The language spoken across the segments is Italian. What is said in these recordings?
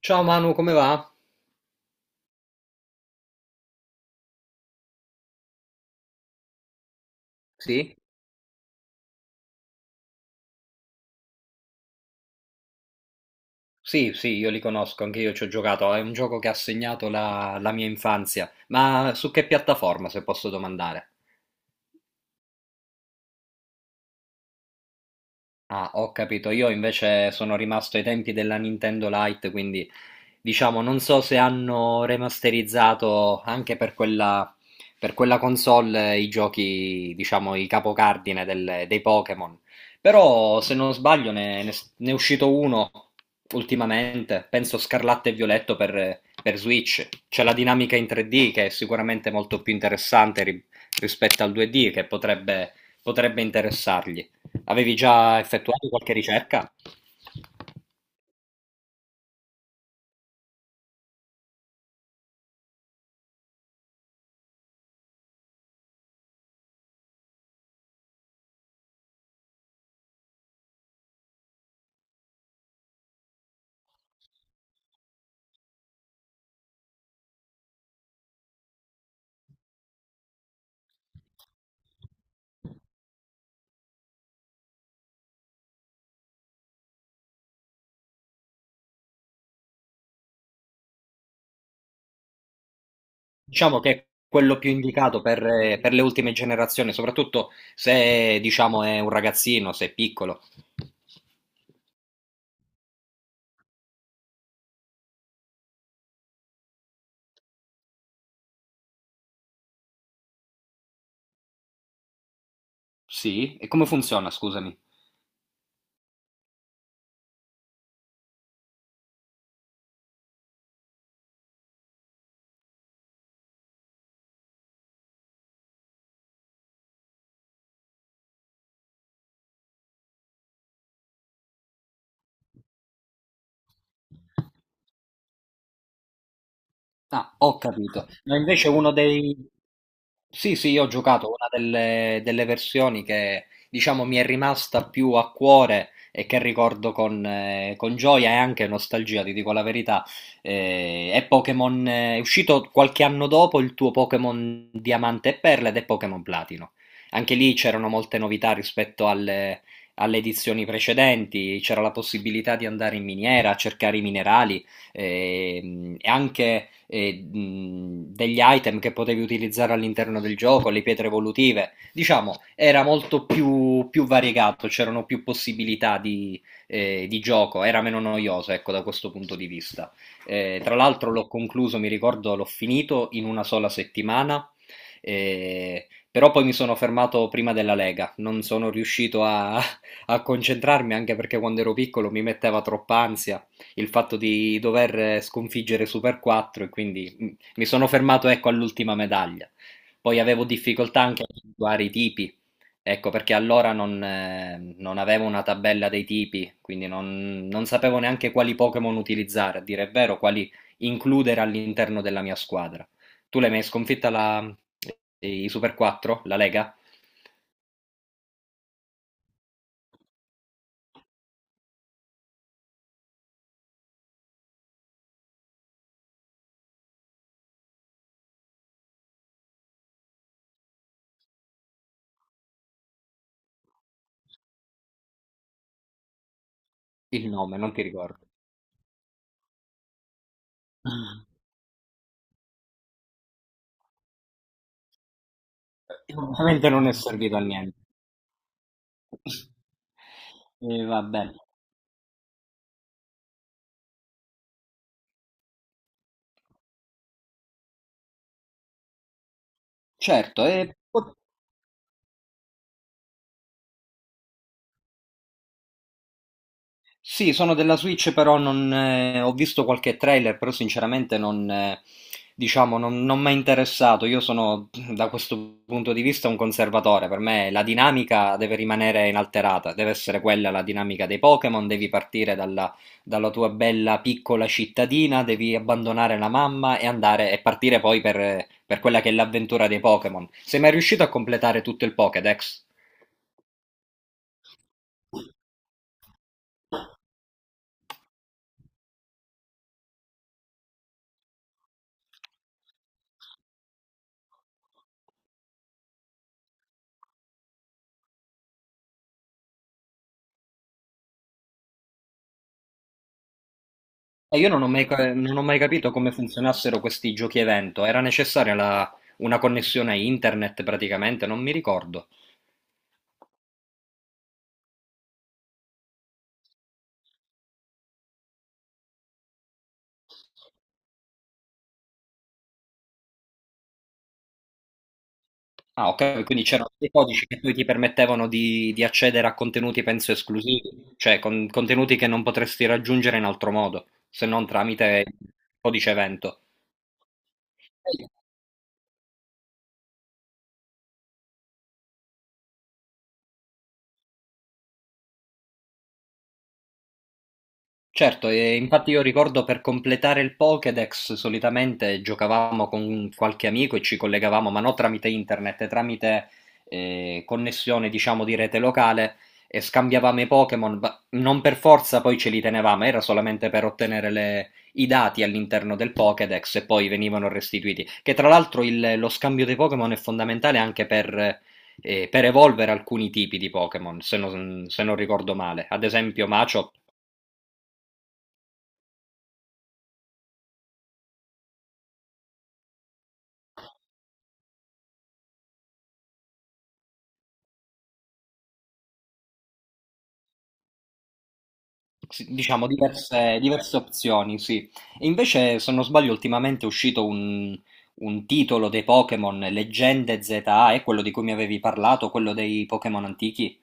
Ciao Manu, come va? Sì? Sì, sì, io li conosco, anche io ci ho giocato, è un gioco che ha segnato la mia infanzia, ma su che piattaforma, se posso domandare? Ah, ho capito. Io invece sono rimasto ai tempi della Nintendo Lite, quindi diciamo non so se hanno remasterizzato anche per quella console i giochi, diciamo, i capocardine dei Pokémon. Però se non sbaglio ne è uscito uno ultimamente, penso Scarlatto e Violetto per Switch. C'è la dinamica in 3D che è sicuramente molto più interessante rispetto al 2D, che potrebbe interessargli. Avevi già effettuato qualche ricerca? Diciamo che è quello più indicato per le ultime generazioni, soprattutto se, diciamo, è un ragazzino, se è piccolo. Sì? E come funziona, scusami? Ah, ho capito. Ma invece uno dei... Sì, sì, io ho giocato una delle versioni che diciamo mi è rimasta più a cuore e che ricordo con gioia e anche nostalgia, ti dico la verità. È Pokémon, è uscito qualche anno dopo il tuo Pokémon Diamante e Perla ed è Pokémon Platino. Anche lì c'erano molte novità rispetto alle edizioni precedenti, c'era la possibilità di andare in miniera a cercare i minerali e anche degli item che potevi utilizzare all'interno del gioco, le pietre evolutive, diciamo era molto più variegato, c'erano più possibilità di gioco, era meno noioso ecco da questo punto di vista. Tra l'altro l'ho concluso, mi ricordo, l'ho finito in una sola settimana. Però poi mi sono fermato prima della Lega, non sono riuscito a concentrarmi anche perché quando ero piccolo mi metteva troppa ansia il fatto di dover sconfiggere Super 4 e quindi mi sono fermato ecco all'ultima medaglia. Poi avevo difficoltà anche a individuare i tipi, ecco perché allora non avevo una tabella dei tipi, quindi non sapevo neanche quali Pokémon utilizzare, a dire il vero, quali includere all'interno della mia squadra. Tu l'hai mai sconfitta i Super 4, la Lega? Il nome, non ti ricordo. Ovviamente non è servito a niente. E vabbè, certo, sì, sono della Switch, però non, ho visto qualche trailer, però sinceramente non, diciamo, non mi è interessato. Io sono, da questo punto di vista, un conservatore. Per me la dinamica deve rimanere inalterata, deve essere quella la dinamica dei Pokémon, devi partire dalla tua bella piccola cittadina, devi abbandonare la mamma e andare e partire poi per quella che è l'avventura dei Pokémon. Sei mai riuscito a completare tutto il Pokédex? E io non ho mai capito come funzionassero questi giochi evento. Era necessaria una connessione a internet praticamente, non mi ricordo. Ah, ok, quindi c'erano dei codici che poi ti permettevano di accedere a contenuti, penso, esclusivi, cioè contenuti che non potresti raggiungere in altro modo, se non tramite il codice evento. Certo, e infatti io ricordo per completare il Pokédex solitamente giocavamo con qualche amico e ci collegavamo, ma non tramite internet, tramite connessione, diciamo, di rete locale e scambiavamo i Pokémon, ma non per forza poi ce li tenevamo, era solamente per ottenere i dati all'interno del Pokédex e poi venivano restituiti. Che tra l'altro lo scambio dei Pokémon è fondamentale anche per evolvere alcuni tipi di Pokémon, se non ricordo male. Ad esempio, Machop sì, diciamo diverse opzioni, sì. E invece, se non sbaglio, ultimamente è uscito un titolo dei Pokémon, Leggende ZA, è quello di cui mi avevi parlato, quello dei Pokémon antichi.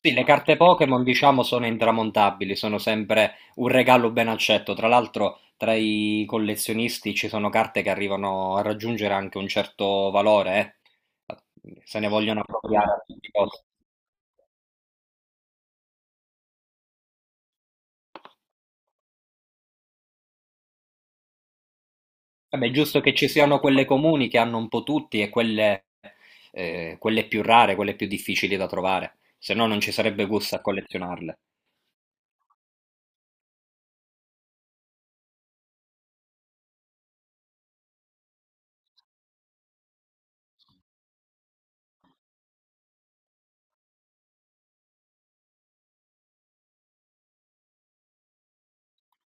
Sì, le carte Pokémon, diciamo, sono intramontabili, sono sempre un regalo ben accetto. Tra l'altro, tra i collezionisti ci sono carte che arrivano a raggiungere anche un certo valore, eh. Se ne vogliono appropriare a tutti i costi. Vabbè, è giusto che ci siano quelle comuni che hanno un po' tutti e quelle più rare, quelle più difficili da trovare, se no non ci sarebbe gusto a collezionarle.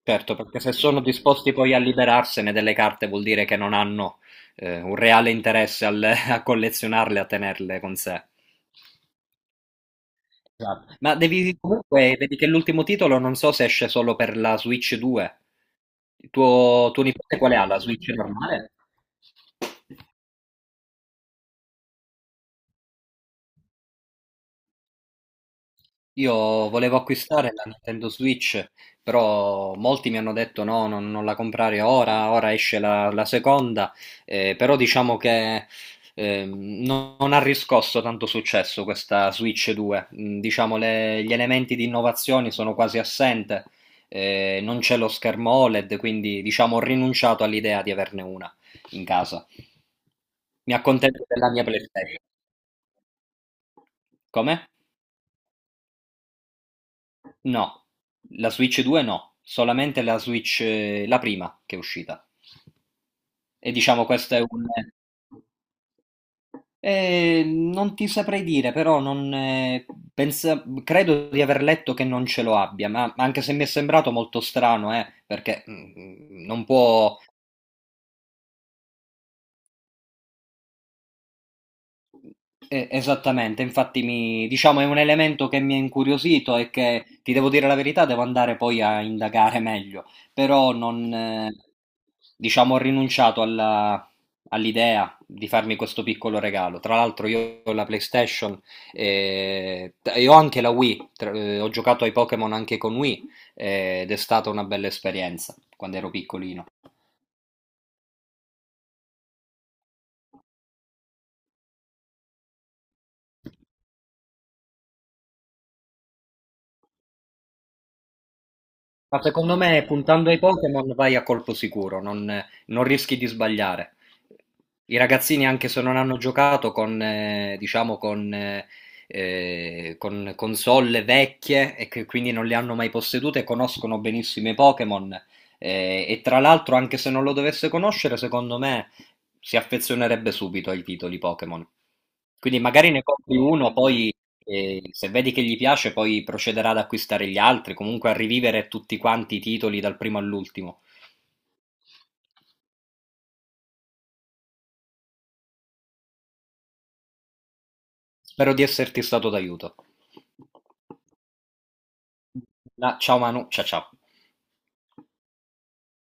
Certo, perché se sono disposti poi a liberarsene delle carte vuol dire che non hanno un reale interesse a collezionarle, a tenerle con sé. Esatto. Ma devi comunque, vedi che l'ultimo titolo non so se esce solo per la Switch 2. Il tuo nipote quale ha? La Switch normale? Io volevo acquistare la Nintendo Switch, però molti mi hanno detto no, non la comprare ora, ora esce la seconda, però diciamo che non ha riscosso tanto successo questa Switch 2. Diciamo gli elementi di innovazione sono quasi assente, non c'è lo schermo OLED, quindi diciamo ho rinunciato all'idea di averne una in casa. Mi accontento della mia PlayStation. Come? No, la Switch 2 no, solamente la Switch la prima che è uscita. E diciamo questo è un... Non ti saprei dire, però non, credo di aver letto che non ce lo abbia, ma anche se mi è sembrato molto strano, perché non può. Esattamente, infatti diciamo è un elemento che mi ha incuriosito e che ti devo dire la verità, devo andare poi a indagare meglio, però non, diciamo, ho rinunciato all'idea di farmi questo piccolo regalo. Tra l'altro io ho la PlayStation e ho anche la Wii, ho giocato ai Pokémon anche con Wii ed è stata una bella esperienza quando ero piccolino. Ma secondo me puntando ai Pokémon vai a colpo sicuro, non rischi di sbagliare. I ragazzini, anche se non hanno giocato diciamo, con console vecchie e che quindi non le hanno mai possedute, conoscono benissimo i Pokémon. E tra l'altro, anche se non lo dovesse conoscere, secondo me si affezionerebbe subito ai titoli Pokémon. Quindi magari ne compri uno, poi se vedi che gli piace, poi procederà ad acquistare gli altri, comunque a rivivere tutti quanti i titoli dal primo all'ultimo. Spero di esserti stato d'aiuto. Ciao Manu, ciao ciao.